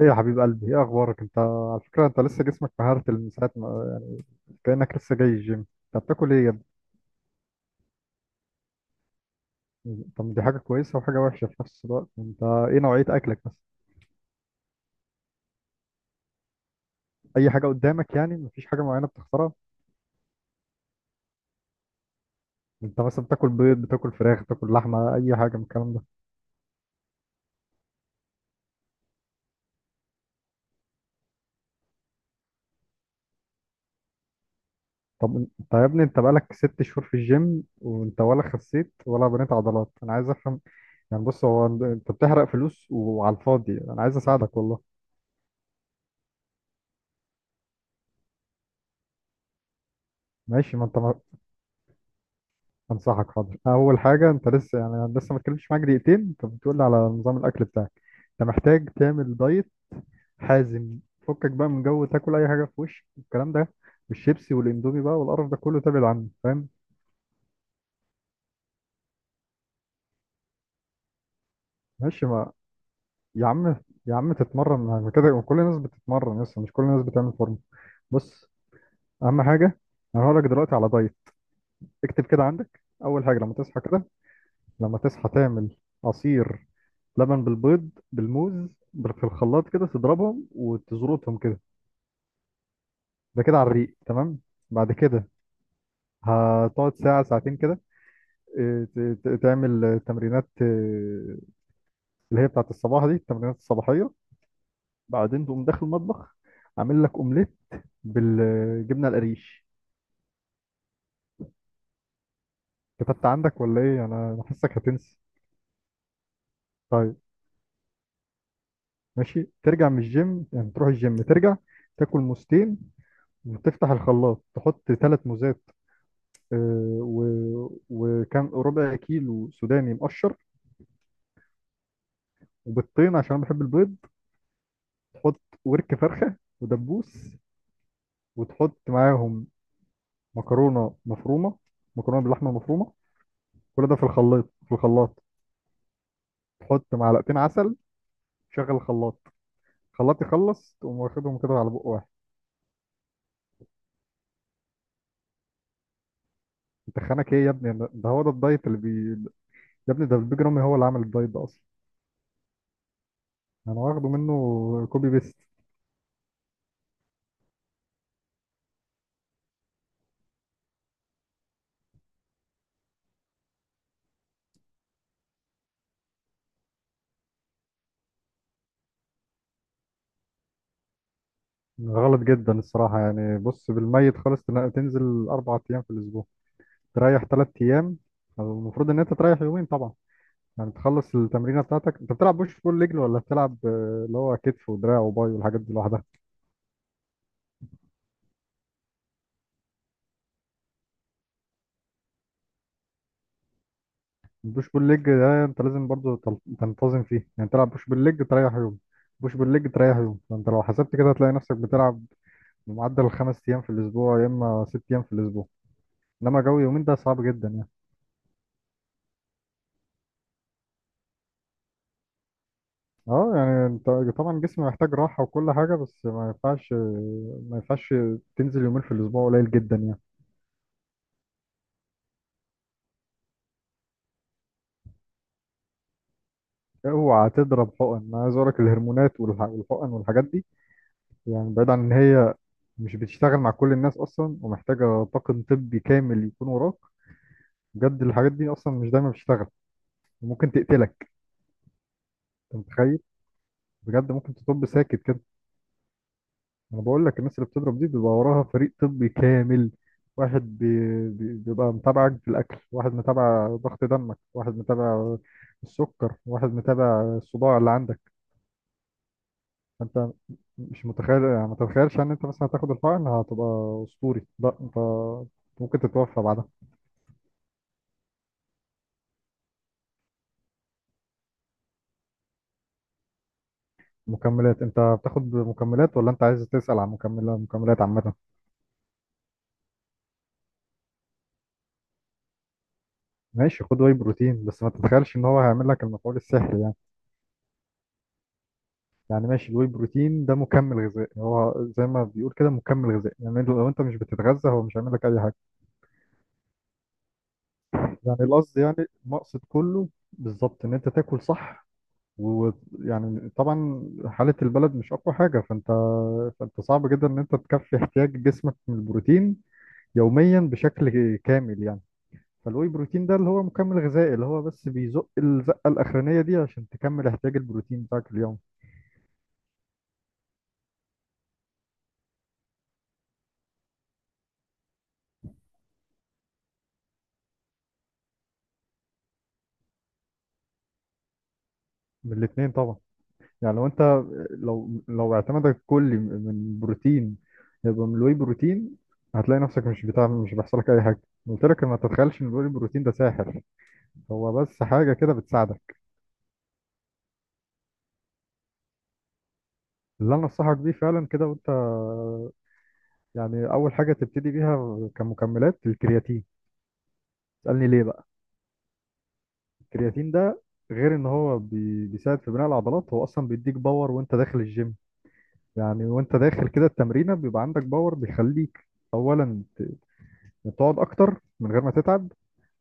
ايه يا حبيب قلبي، ايه اخبارك؟ انت على فكره انت لسه جسمك مهارت من ساعه ما كانك لسه جاي الجيم. انت بتاكل ايه يا ابني؟ طب دي حاجه كويسه وحاجه وحشه في نفس الوقت. انت ايه نوعيه اكلك بس؟ اي حاجه قدامك يعني؟ مفيش حاجه معينه بتختارها؟ انت مثلا بتاكل بيض، بتاكل فراخ، بتاكل لحمه، اي حاجه من الكلام ده؟ طب انت يا ابني انت بقالك ست شهور في الجيم وانت ولا خسيت ولا بنيت عضلات، انا عايز افهم. يعني بص، هو انت بتحرق فلوس وعلى الفاضي، انا عايز اساعدك والله. ماشي، ما انت انصحك، حاضر. اول حاجه، انت لسه يعني أنا لسه ما اتكلمتش معاك دقيقتين انت بتقول لي على نظام الاكل بتاعك. انت محتاج تعمل دايت حازم. فكك بقى من جو تاكل اي حاجه في وشك، الكلام ده والشيبسي والاندومي بقى والقرف ده كله تبعد عنه، فاهم؟ ماشي ما، يا عم، يا عم تتمرن، ما كده ما كل الناس بتتمرن، لسه مش كل الناس بتعمل فورمه. بص، اهم حاجه، انا هقول لك دلوقتي على دايت. اكتب كده عندك. اول حاجه لما تصحى كده، لما تصحى تعمل عصير لبن بالبيض بالموز، في الخلاط كده تضربهم وتزرطهم كده. ده كده على الريق، تمام. بعد كده هتقعد ساعة ساعتين كده، تعمل تمرينات اللي هي بتاعت الصباح دي، التمرينات الصباحية. بعدين تقوم داخل المطبخ، عامل لك أومليت بالجبنة القريش. كتبت عندك ولا إيه؟ أنا حاسك هتنسى. طيب، ماشي. ترجع من الجيم، يعني تروح الجيم ترجع، تاكل موزتين، وتفتح الخلاط تحط ثلاث موزات، آه، و... وكان ربع كيلو سوداني مقشر، وبيضتين عشان أنا بحب البيض، تحط ورك فرخة ودبوس، وتحط معاهم مكرونة مفرومة، مكرونة باللحمة مفرومة، كل ده في الخلاط تحط معلقتين عسل، شغل الخلاط. الخلاط يخلص تقوم واخدهم كده على بق واحد. انت خانك ايه يا ابني؟ ده هو ده الدايت اللي بي، يا ابني ده البيج رامي هو اللي عامل الدايت ده اصلا. انا واخده منه كوبي بيست. غلط جدا الصراحة. يعني بص، بالميت خالص تنزل أربع أيام في الأسبوع، تريح ثلاث ايام. أو المفروض ان انت تريح يومين طبعا، يعني تخلص التمرينه بتاعتك. انت بتلعب بوش بول ليج ولا بتلعب اللي هو كتف ودراع وباي والحاجات دي لوحدها؟ البوش بول ليج ده انت لازم برضو تنتظم فيه، يعني تلعب بوش بول ليج تريح يوم، بوش بول ليج تريح يوم، فانت لو حسبت كده هتلاقي نفسك بتلعب معدل خمس ايام في الاسبوع يا اما ست ايام في الاسبوع، انما جو يومين ده صعب جدا يعني. اه يعني انت طبعا جسمي محتاج راحه وكل حاجه، بس ما ينفعش. ما ينفعش تنزل يومين في الاسبوع، قليل جدا يعني. اوعى تضرب حقن، انا عايز اقولك الهرمونات والحقن والحاجات دي، يعني بعيد عن ان هي مش بتشتغل مع كل الناس اصلا، ومحتاجه طاقم طبي كامل يكون وراك. بجد الحاجات دي اصلا مش دايما بتشتغل وممكن تقتلك. انت متخيل؟ بجد ممكن تطب ساكت كده. انا بقول لك، الناس اللي بتضرب دي بيبقى وراها فريق طبي كامل، واحد بيبقى متابعك في الاكل، واحد متابع ضغط دمك، واحد متابع السكر، واحد متابع الصداع اللي عندك. انت مش متخيل يعني، ما تتخيلش ان انت مثلا هتاخد الحقن هتبقى اسطوري، لا، انت ممكن تتوفى بعدها. مكملات؟ انت بتاخد مكملات ولا انت عايز تسأل عن مكملة، مكملات عامة؟ ماشي، خد واي بروتين، بس ما تتخيلش ان هو هيعمل لك المفعول السحري يعني. يعني ماشي، الواي بروتين ده مكمل غذائي، هو زي ما بيقول كده، مكمل غذائي، يعني لو انت مش بتتغذى هو مش هيعمل لك اي حاجة. يعني القصد يعني، المقصد كله بالظبط ان انت تاكل صح. ويعني طبعا حالة البلد مش أقوى حاجة، فأنت صعب جدا إن أنت تكفي احتياج جسمك من البروتين يوميا بشكل كامل يعني. فالواي بروتين ده اللي هو مكمل غذائي، اللي هو بس بيزق الزقة الأخرانية دي عشان تكمل احتياج البروتين بتاعك اليوم. من الاتنين طبعا، يعني لو أنت، لو اعتمادك كلي من بروتين، يبقى من الواي بروتين، هتلاقي نفسك مش بتعمل، مش بيحصلك أي حاجة. قلت لك ما تتخيلش إن الواي بروتين ده ساحر، هو بس حاجة كده بتساعدك. اللي انا انصحك بيه فعلا كده وانت، يعني اول حاجه تبتدي بيها كمكملات، الكرياتين. اسالني ليه بقى. الكرياتين ده، غير ان هو بيساعد في بناء العضلات، هو اصلا بيديك باور وانت داخل الجيم، يعني وانت داخل كده التمرينه بيبقى عندك باور، بيخليك اولا تقعد اكتر من غير ما تتعب،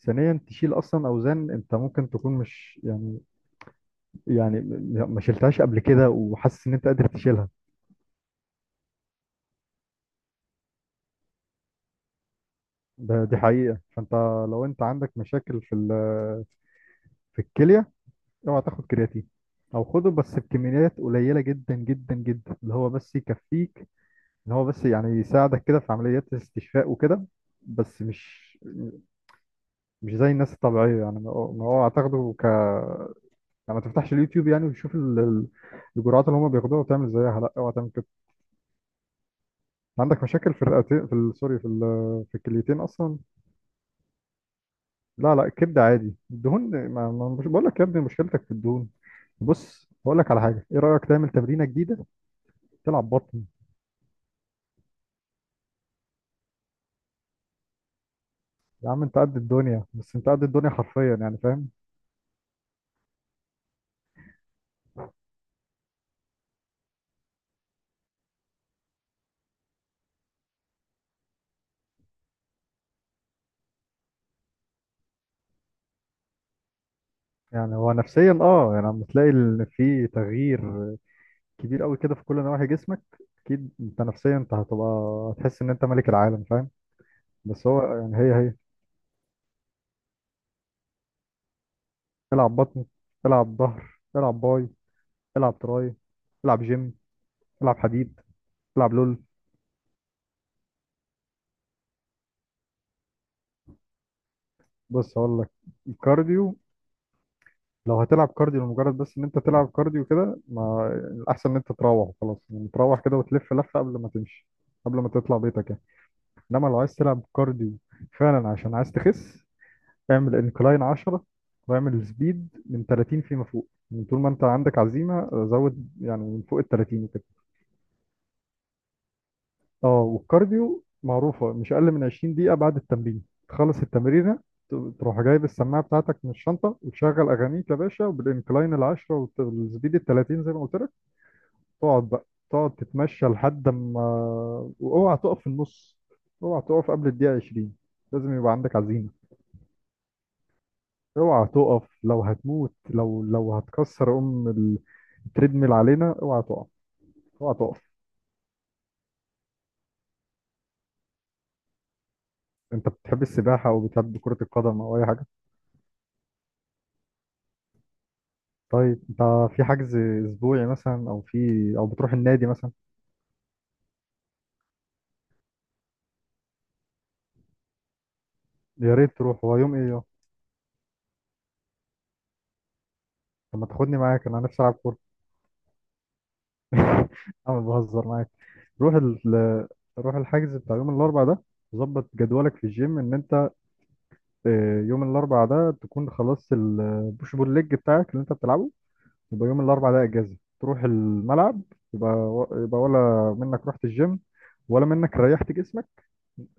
ثانيا تشيل اصلا اوزان انت ممكن تكون مش يعني، يعني ما شلتهاش قبل كده، وحاسس ان انت قادر تشيلها. ده دي حقيقه، فانت لو انت عندك مشاكل في في الكليه، اوعى تاخد كرياتين، او خده بس بكميات قليله جدا جدا جدا، اللي هو بس يكفيك، ان هو بس يعني يساعدك كده في عمليات الاستشفاء وكده، بس مش زي الناس الطبيعيه يعني. ما هو، ما هو هتاخده ك، يعني ما تفتحش اليوتيوب يعني وتشوف الجرعات اللي هم بياخدوها وتعمل زيها، لا اوعى تعمل كده. عندك مشاكل في الرئتين في سوري، في في الكليتين اصلا؟ لا لا، الكبده عادي الدهون، مش بقول لك يا ابني مشكلتك في الدهون. بص هقول لك على حاجه، ايه رايك تعمل تمرينه جديده، تلعب بطن؟ يا عم انت قد الدنيا، بس انت قد الدنيا حرفيا يعني، فاهم؟ يعني هو نفسيا، اه يعني لما تلاقي في تغيير كبير قوي كده في كل نواحي جسمك، اكيد انت نفسيا انت هتبقى، هتحس ان انت ملك العالم، فاهم؟ بس هو يعني هي العب بطن، العب ظهر، العب باي، العب تراي، العب جيم، العب حديد، العب لول. بص هقول لك، الكارديو لو هتلعب كارديو لمجرد بس ان انت تلعب كارديو كده، ما الاحسن ان انت تروح خلاص يعني، تروح كده وتلف لفة قبل ما تمشي، قبل ما تطلع بيتك يعني. انما لو عايز تلعب كارديو فعلا عشان عايز تخس، اعمل انكلاين 10، واعمل سبيد من 30 فيما فوق، يعني طول ما انت عندك عزيمه زود، يعني من فوق ال 30 وكده. اه، والكارديو معروفه مش اقل من 20 دقيقه بعد التمرين، تخلص التمرينه ت- تروح جايب السماعه بتاعتك من الشنطه وتشغل اغانيك يا باشا، وبالانكلاين ال 10 والسبيد ال 30 زي ما قلت لك، تقعد بقى، تقعد تتمشى لحد ما، واوعى تقف في النص، اوعى تقف قبل الدقيقه 20، لازم يبقى عندك عزيمه. اوعى تقف، لو هتموت، لو هتكسر ام التريدميل علينا اوعى تقف، اوعى تقف. انت بتحب السباحه او بتحب كره القدم او اي حاجه؟ طيب انت في حجز اسبوعي مثلا، او في، او بتروح النادي مثلا؟ يا ريت تروح، هو يوم ايه، يوم؟ طب ما تاخدني معاك، انا نفسي العب كوره. انا بهزر معاك. روح ال... روح الحجز بتاع يوم الاربعاء ده. ظبط جدولك في الجيم ان انت يوم الاربعاء ده تكون خلصت البوش بول ليج بتاعك اللي انت بتلعبه، يبقى يوم الاربع ده اجازه تروح الملعب، يبقى، ولا منك رحت الجيم، ولا منك ريحت جسمك،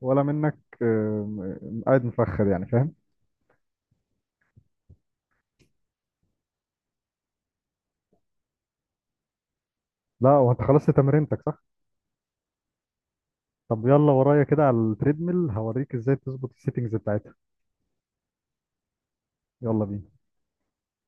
ولا منك قاعد مفخد يعني، فاهم؟ لا هو انت خلصت تمرينتك صح؟ طب يلا ورايا كده على التريدميل هوريك ازاي تظبط السيتنجز بتاعتها. يلا بينا.